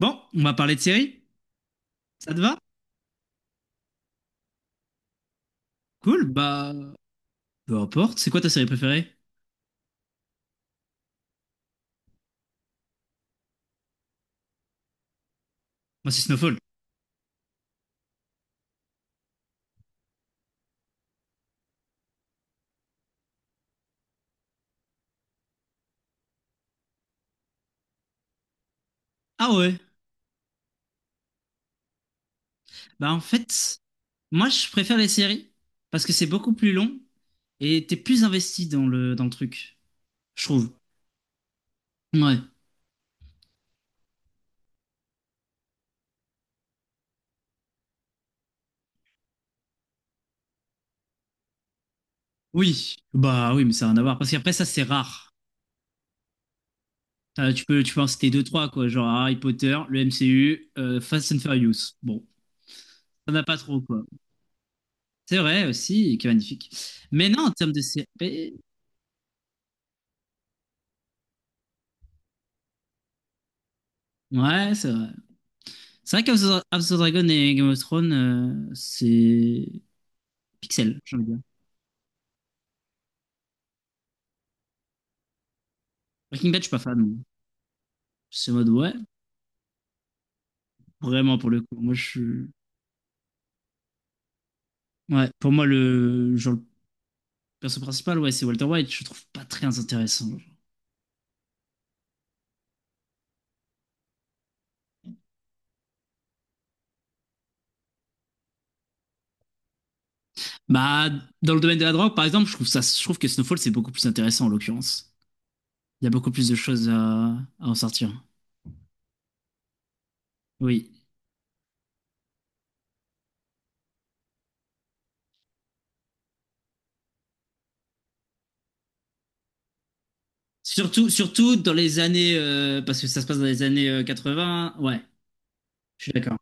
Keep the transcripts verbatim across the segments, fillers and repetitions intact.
Bon, on va parler de série. Ça te va? Cool, bah peu importe. C'est quoi ta série préférée? Moi, c'est Snowfall. Ah ouais. Bah en fait, moi je préfère les séries parce que c'est beaucoup plus long et t'es plus investi dans le dans le truc, je trouve. Ouais. Oui. Bah oui, mais ça n'a rien à voir parce qu'après ça c'est rare. Euh, tu peux tu peux en citer deux trois quoi, genre Harry Potter, le M C U, euh, Fast and Furious. Bon, ça n'a pas trop quoi. C'est vrai aussi, qui est magnifique. Mais non, en termes de série, ouais, c'est vrai. C'est vrai qu'House of House of Dragon et Game of Thrones, euh, c'est pixel, j'ai envie de dire. Breaking Bad, je suis pas fan. Moi. C'est en mode, ouais, vraiment pour le coup. Moi, je suis. Ouais, pour moi, le, genre, le perso principal, ouais, c'est Walter White. Je le trouve pas très intéressant. Bah, dans le domaine de la drogue, par exemple, je trouve ça, je trouve que Snowfall, c'est beaucoup plus intéressant en l'occurrence. Il y a beaucoup plus de choses à, à en sortir. Oui. Surtout, surtout dans les années, euh, parce que ça se passe dans les années euh, quatre-vingts. Ouais, je suis d'accord.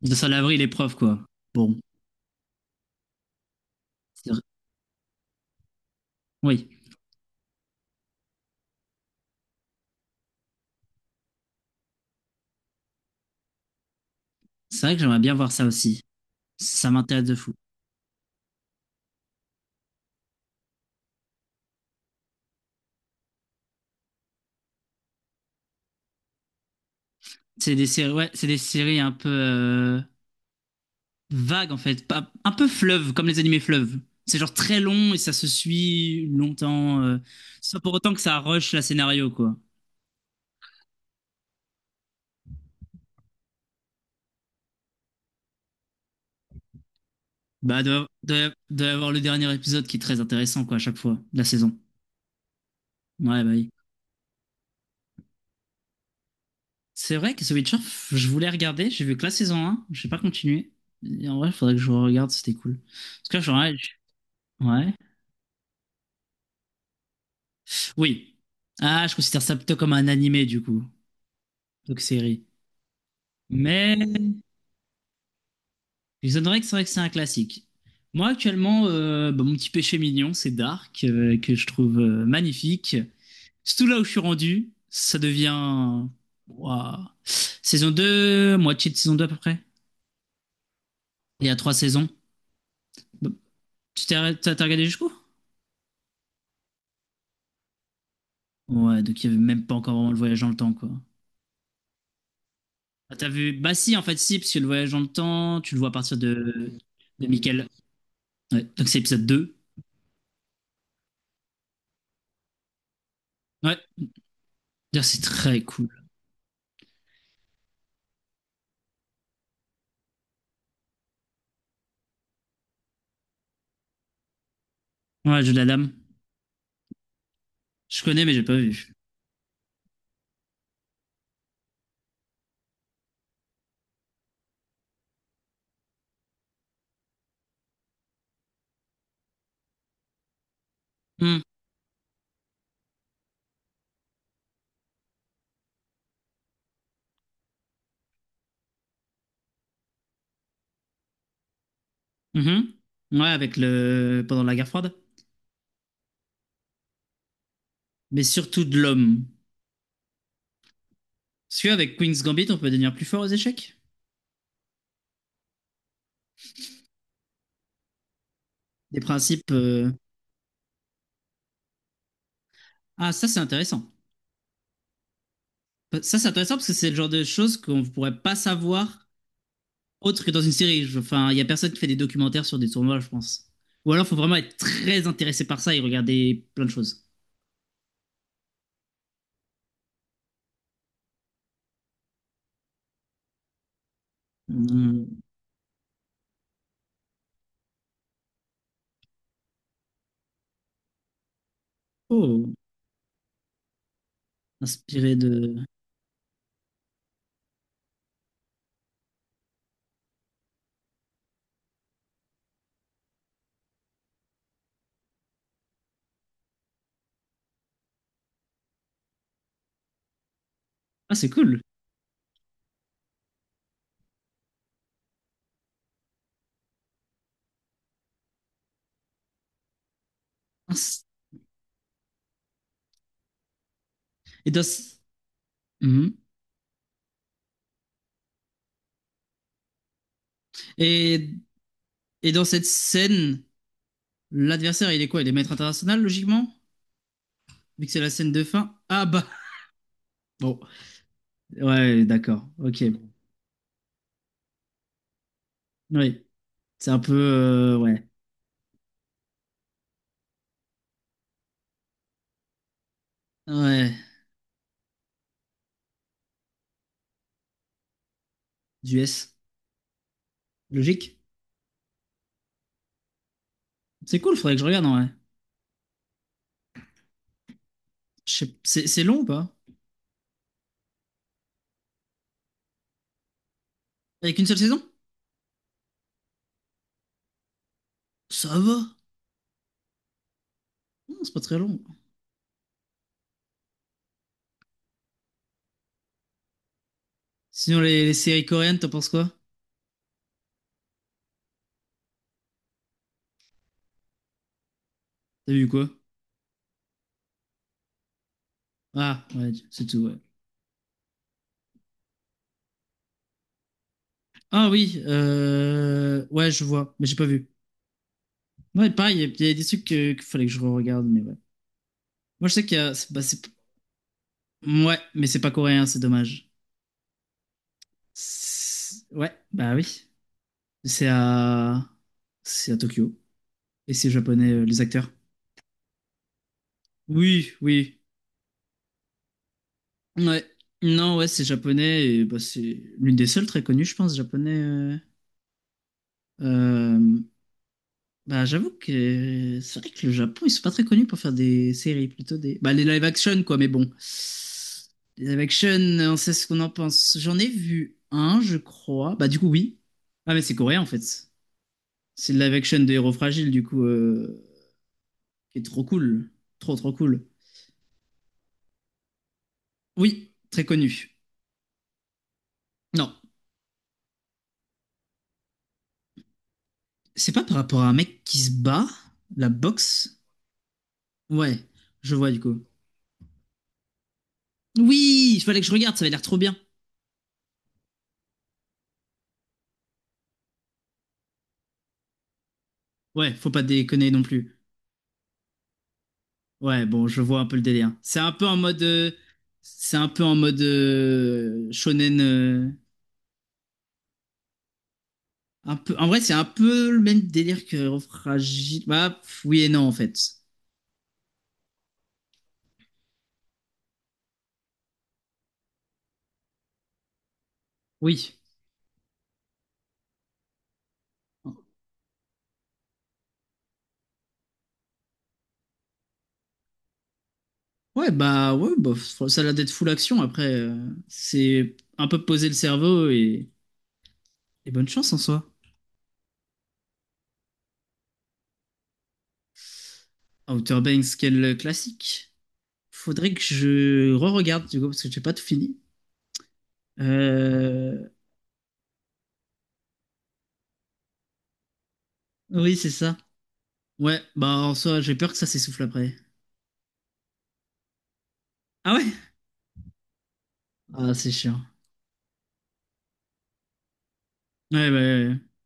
De ça, l'abri, les preuves, quoi. Bon. C'est vrai. Oui. C'est vrai que j'aimerais bien voir ça aussi. Ça m'intéresse de fou. C'est des séries, ouais, c'est des séries un peu euh, vagues en fait, pas, un peu fleuve, comme les animés fleuves. C'est genre très long et ça se suit longtemps, euh, sans pour autant que ça rush la scénario quoi. Bah doit, doit, doit y avoir le dernier épisode qui est très intéressant quoi à chaque fois de la saison. Ouais bah oui. C'est vrai que The Witcher, f- je voulais regarder, j'ai vu que la saison un, j'ai pas continué. Et en vrai, il faudrait que je regarde, c'était cool. Parce que là, genre, ouais, je- ouais. Oui. Ah, je considère ça plutôt comme un animé, du coup. Donc, série. Mais les Honorés, c'est vrai que c'est un classique. Moi, actuellement, euh, bah, mon petit péché mignon, c'est Dark, euh, que je trouve euh, magnifique. Surtout là où je suis rendu, ça devient. Ouah. Saison deux, moitié de saison deux à peu près. Il y a trois saisons. Bah, Tu t'es arrêt- t'as- t'as regardé jusqu'où? Ouais, donc il n'y avait même pas encore vraiment le voyage dans le temps, quoi. Ah, t'as vu? Bah si, en fait, si, parce que le voyage dans le temps, tu le vois à partir de, de Michael. Ouais, donc c'est épisode deux. Ouais, d'ailleurs, c'est très cool. Ouais, le jeu de la dame. Je connais, mais j'ai pas vu. Hum, mhm. Ouais, avec le. Pendant la guerre froide. Mais surtout de l'homme. Parce qu'avec Queen's Gambit, on peut devenir plus fort aux échecs. Des principes. euh, Ah, ça, c'est intéressant. Ça, c'est intéressant parce que c'est le genre de choses qu'on ne pourrait pas savoir autre que dans une série. Je- Enfin, il y a personne qui fait des documentaires sur des tournois, je pense. Ou alors, il faut vraiment être très intéressé par ça et regarder plein de choses. Hum, Oh, inspiré de. Ah, c'est cool. Ah, c'est- Et dans. ce- Mhm. Et, et dans cette scène, l'adversaire, il est quoi? Il est maître international, logiquement? Vu que c'est la scène de fin. Ah bah. Bon. Ouais, d'accord. Ok. Oui. C'est un peu. euh, ouais. Ouais. Du S. Logique. C'est cool, faudrait que je regarde en vrai. Je sais- C'est c'est long ou pas? Avec une seule saison? Ça va. Non, c'est pas très long. Sinon, les, les séries coréennes, t'en penses quoi? T'as vu quoi? Ah, ouais, c'est tout, ouais. Ah oui, euh... ouais, je vois, mais j'ai pas vu. Ouais, pareil, il y a des trucs que- qu'il fallait que je regarde mais ouais. Moi, je sais qu'il y a. c'est- bah, c'est- ouais, mais c'est pas coréen, c'est dommage. C'est- Ouais, bah oui. C'est à. C'est à Tokyo. Et c'est japonais, euh, les acteurs. Oui, oui. Ouais. Non, ouais, c'est japonais. Et bah, c'est l'une des seules très connues, je pense, japonais. euh, euh, Bah, j'avoue que c'est vrai que le Japon, ils sont pas très connus pour faire des séries, plutôt des. Bah, les live action, quoi, mais bon. Les live action, on sait ce qu'on en pense. J'en ai vu un, je crois. Bah, du coup, oui. Ah, mais c'est coréen, en fait. C'est le live action de Héros Fragile, du coup, euh, qui est trop cool. Trop, trop cool. Oui, très connu. Non, c'est pas par rapport à un mec qui se bat, la boxe. Ouais, je vois, du coup. Oui, il fallait que je regarde, ça avait l'air trop bien. Ouais, faut pas déconner non plus. Ouais, bon, je vois un peu le délire. C'est un peu en mode, euh, c'est un peu en mode euh, shonen. Euh, un peu, en vrai, c'est un peu le même délire que Fragile. Bah, pff, oui et non en fait. Oui. Ouais, bah, ouais, bah, f- ça a l'air d'être full action. Après, euh, c'est un peu poser le cerveau et, et bonne chance en soi. Outer Banks, quel classique. Faudrait que je re-regarde du coup parce que j'ai pas tout fini. Euh, Oui, c'est ça. Ouais, bah en soi, j'ai peur que ça s'essouffle après. Ah ouais? Ah, c'est chiant. Ouais, ouais, ouais. Ouais.